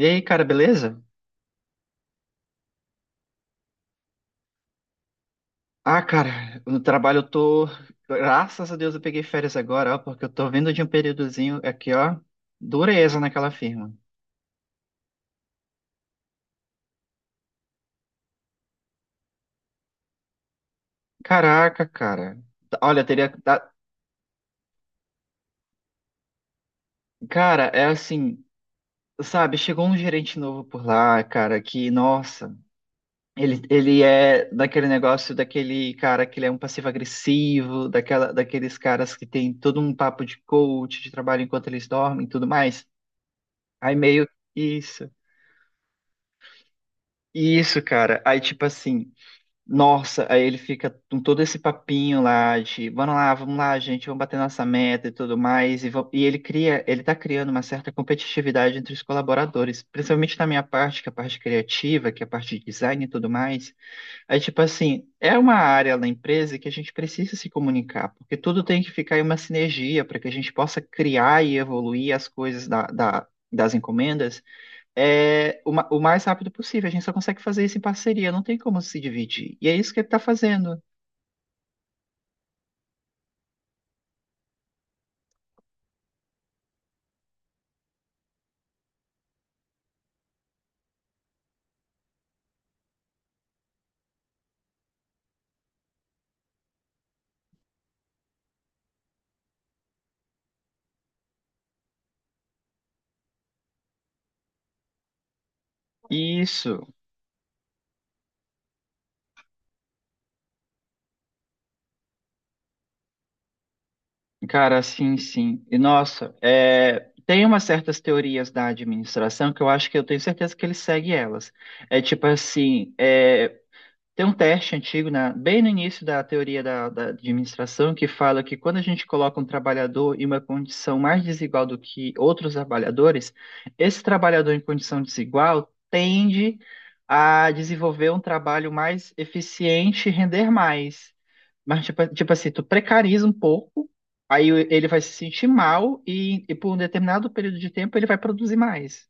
E aí, cara, beleza? Ah, cara, no trabalho eu tô. Graças a Deus eu peguei férias agora, ó, porque eu tô vindo de um períodozinho aqui, ó. Dureza naquela firma. Caraca, cara. Olha, Cara, é assim, sabe? Chegou um gerente novo por lá, cara, que, nossa, ele é daquele negócio, daquele cara que ele é um passivo-agressivo, daquela, daqueles caras que tem todo um papo de coach, de trabalho enquanto eles dormem e tudo mais. Aí meio. Que Isso. Isso, cara. Aí, tipo assim, nossa, aí ele fica com todo esse papinho lá de vamos lá, gente, vamos bater nossa meta e tudo mais. E ele cria, ele tá criando uma certa competitividade entre os colaboradores, principalmente na minha parte, que é a parte criativa, que é a parte de design e tudo mais. Aí, tipo assim, é uma área na empresa que a gente precisa se comunicar, porque tudo tem que ficar em uma sinergia para que a gente possa criar e evoluir as coisas das encomendas o mais rápido possível. A gente só consegue fazer isso em parceria, não tem como se dividir. E é isso que ele tá fazendo. Isso, cara, sim, sim. E nossa, tem umas certas teorias da administração que eu acho que eu tenho certeza que ele segue elas. É tipo assim, tem um teste antigo, bem no início da teoria da administração, que fala que quando a gente coloca um trabalhador em uma condição mais desigual do que outros trabalhadores, esse trabalhador em condição desigual tende a desenvolver um trabalho mais eficiente e render mais. Mas, tipo, tipo assim, tu precariza um pouco, aí ele vai se sentir mal e por um determinado período de tempo ele vai produzir mais.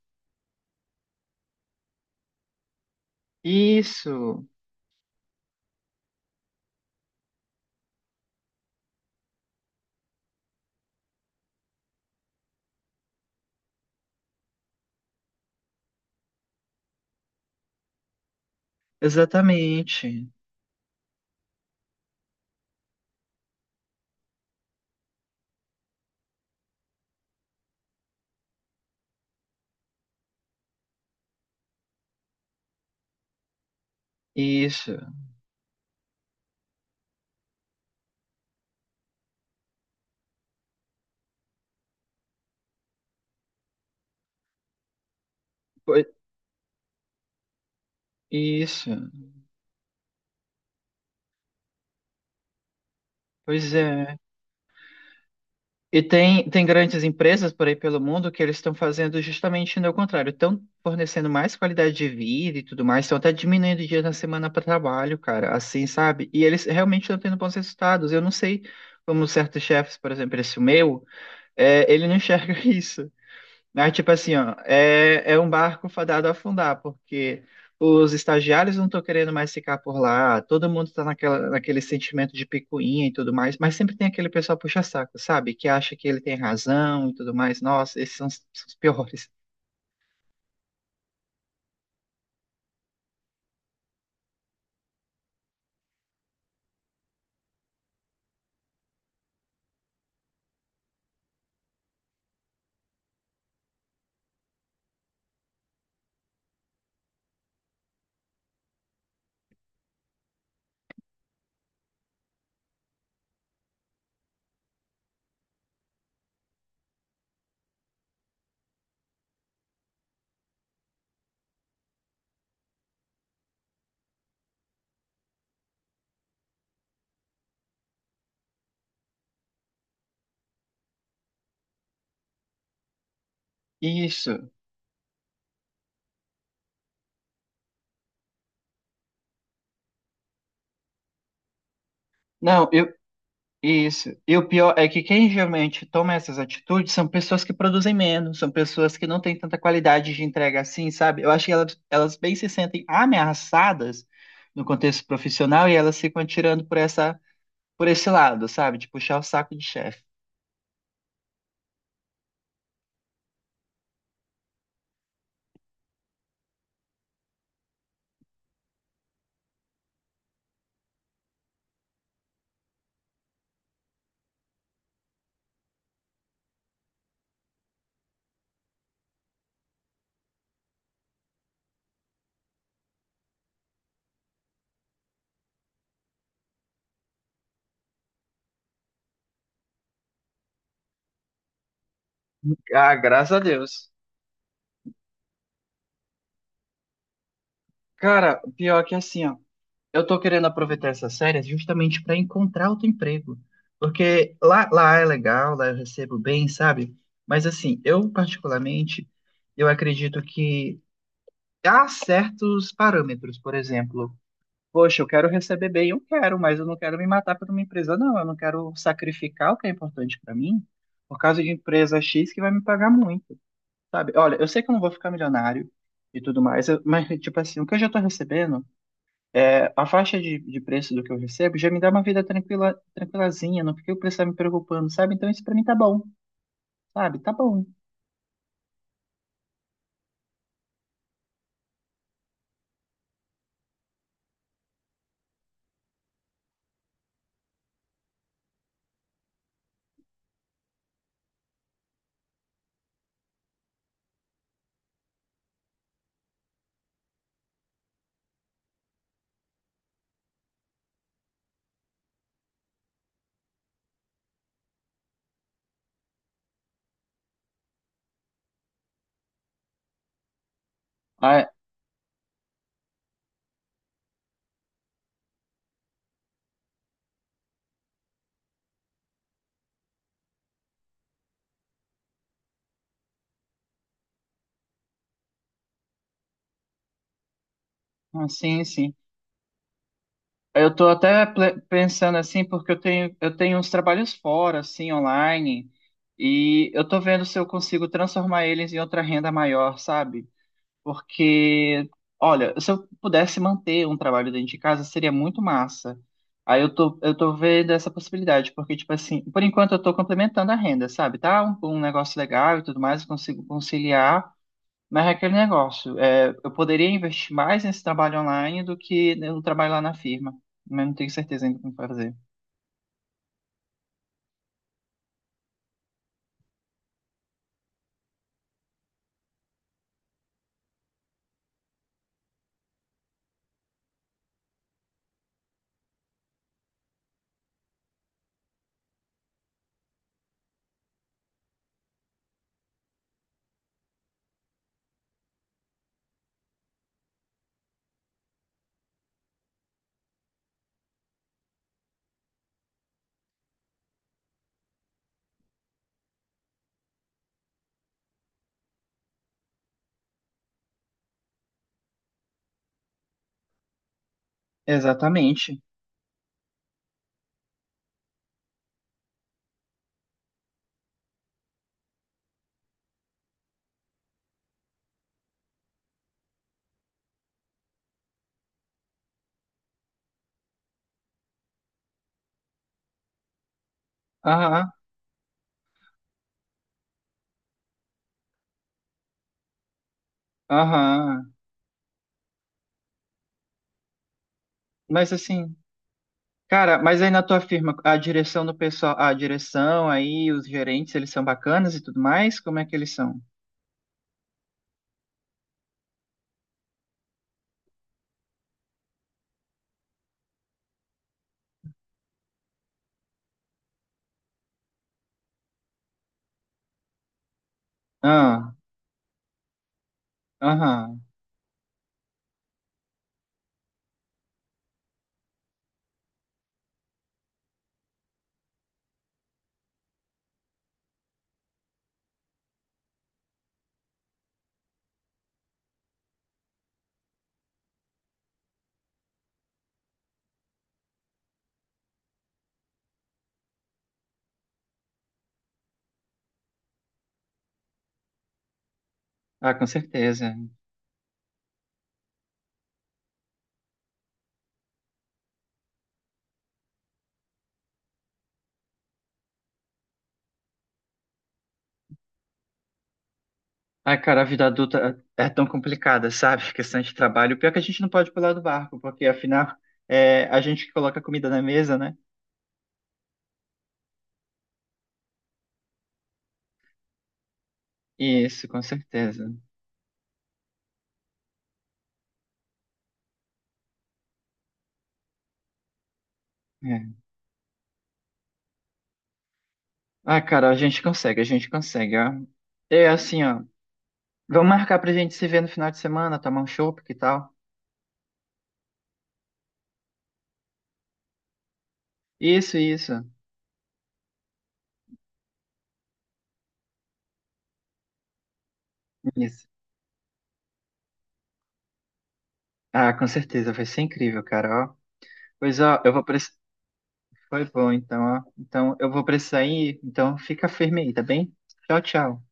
Isso, exatamente. Isso. Foi- isso. Pois é. E tem, tem grandes empresas por aí pelo mundo que eles estão fazendo justamente o contrário. Estão fornecendo mais qualidade de vida e tudo mais, estão até diminuindo dias na semana para trabalho, cara, assim, sabe? E eles realmente estão tendo bons resultados. Eu não sei como certos chefes, por exemplo, esse meu, ele não enxerga isso. Mas, tipo assim, ó, é um barco fadado a afundar, porque os estagiários não estão querendo mais ficar por lá, todo mundo está naquela, naquele sentimento de picuinha e tudo mais, mas sempre tem aquele pessoal puxa-saco, sabe? Que acha que ele tem razão e tudo mais. Nossa, esses são os piores. Isso. Não, eu, Isso. E o pior é que quem geralmente toma essas atitudes são pessoas que produzem menos, são pessoas que não têm tanta qualidade de entrega assim, sabe? Eu acho que elas bem se sentem ameaçadas no contexto profissional e elas ficam atirando por essa, por esse lado, sabe? De puxar o saco de chefe. Ah, graças a Deus. Cara, o pior é que assim, ó. Eu tô querendo aproveitar essas férias justamente para encontrar outro emprego. Porque lá, lá é legal, lá eu recebo bem, sabe? Mas assim, eu particularmente, eu acredito que há certos parâmetros, por exemplo, poxa, eu quero receber bem, eu quero, mas eu não quero me matar por uma empresa, não. Eu não quero sacrificar o que é importante para mim por causa de empresa X que vai me pagar muito, sabe? Olha, eu sei que eu não vou ficar milionário e tudo mais, mas tipo assim, o que eu já tô recebendo a faixa de preço do que eu recebo já me dá uma vida tranquila, tranquilazinha, não fiquei precisando me preocupando, sabe? Então isso pra mim tá bom, sabe? Tá bom. Ah, ah, sim, sim. Eu tô até pensando assim, porque eu tenho uns trabalhos fora, assim, online, e eu tô vendo se eu consigo transformar eles em outra renda maior, sabe? Porque, olha, se eu pudesse manter um trabalho dentro de casa, seria muito massa. Aí eu tô vendo essa possibilidade, porque, tipo assim, por enquanto eu tô complementando a renda, sabe? Tá um, um negócio legal e tudo mais, eu consigo conciliar, mas é aquele negócio. É, eu poderia investir mais nesse trabalho online do que no trabalho lá na firma, mas não tenho certeza ainda como fazer. Exatamente. Aham, aham. Mas assim. Cara, mas aí na tua firma, a direção do pessoal, a direção aí, os gerentes, eles são bacanas e tudo mais? Como é que eles são? Ah, aham. Ah, com certeza. Ai, cara, a vida adulta é tão complicada, sabe? Questão de trabalho. Pior que a gente não pode pular do barco, porque afinal é a gente que coloca a comida na mesa, né? Isso, com certeza. É. Ah, cara, a gente consegue, ó. É assim, ó. Vamos marcar pra gente se ver no final de semana, tomar um chopp, que tal? Isso, isso. Isso. Ah, com certeza, vai ser incrível, cara, ó. Pois ó, eu vou precisar. Foi bom, então, ó. Então, eu vou precisar ir, então fica firme aí, tá bem? Tchau, tchau.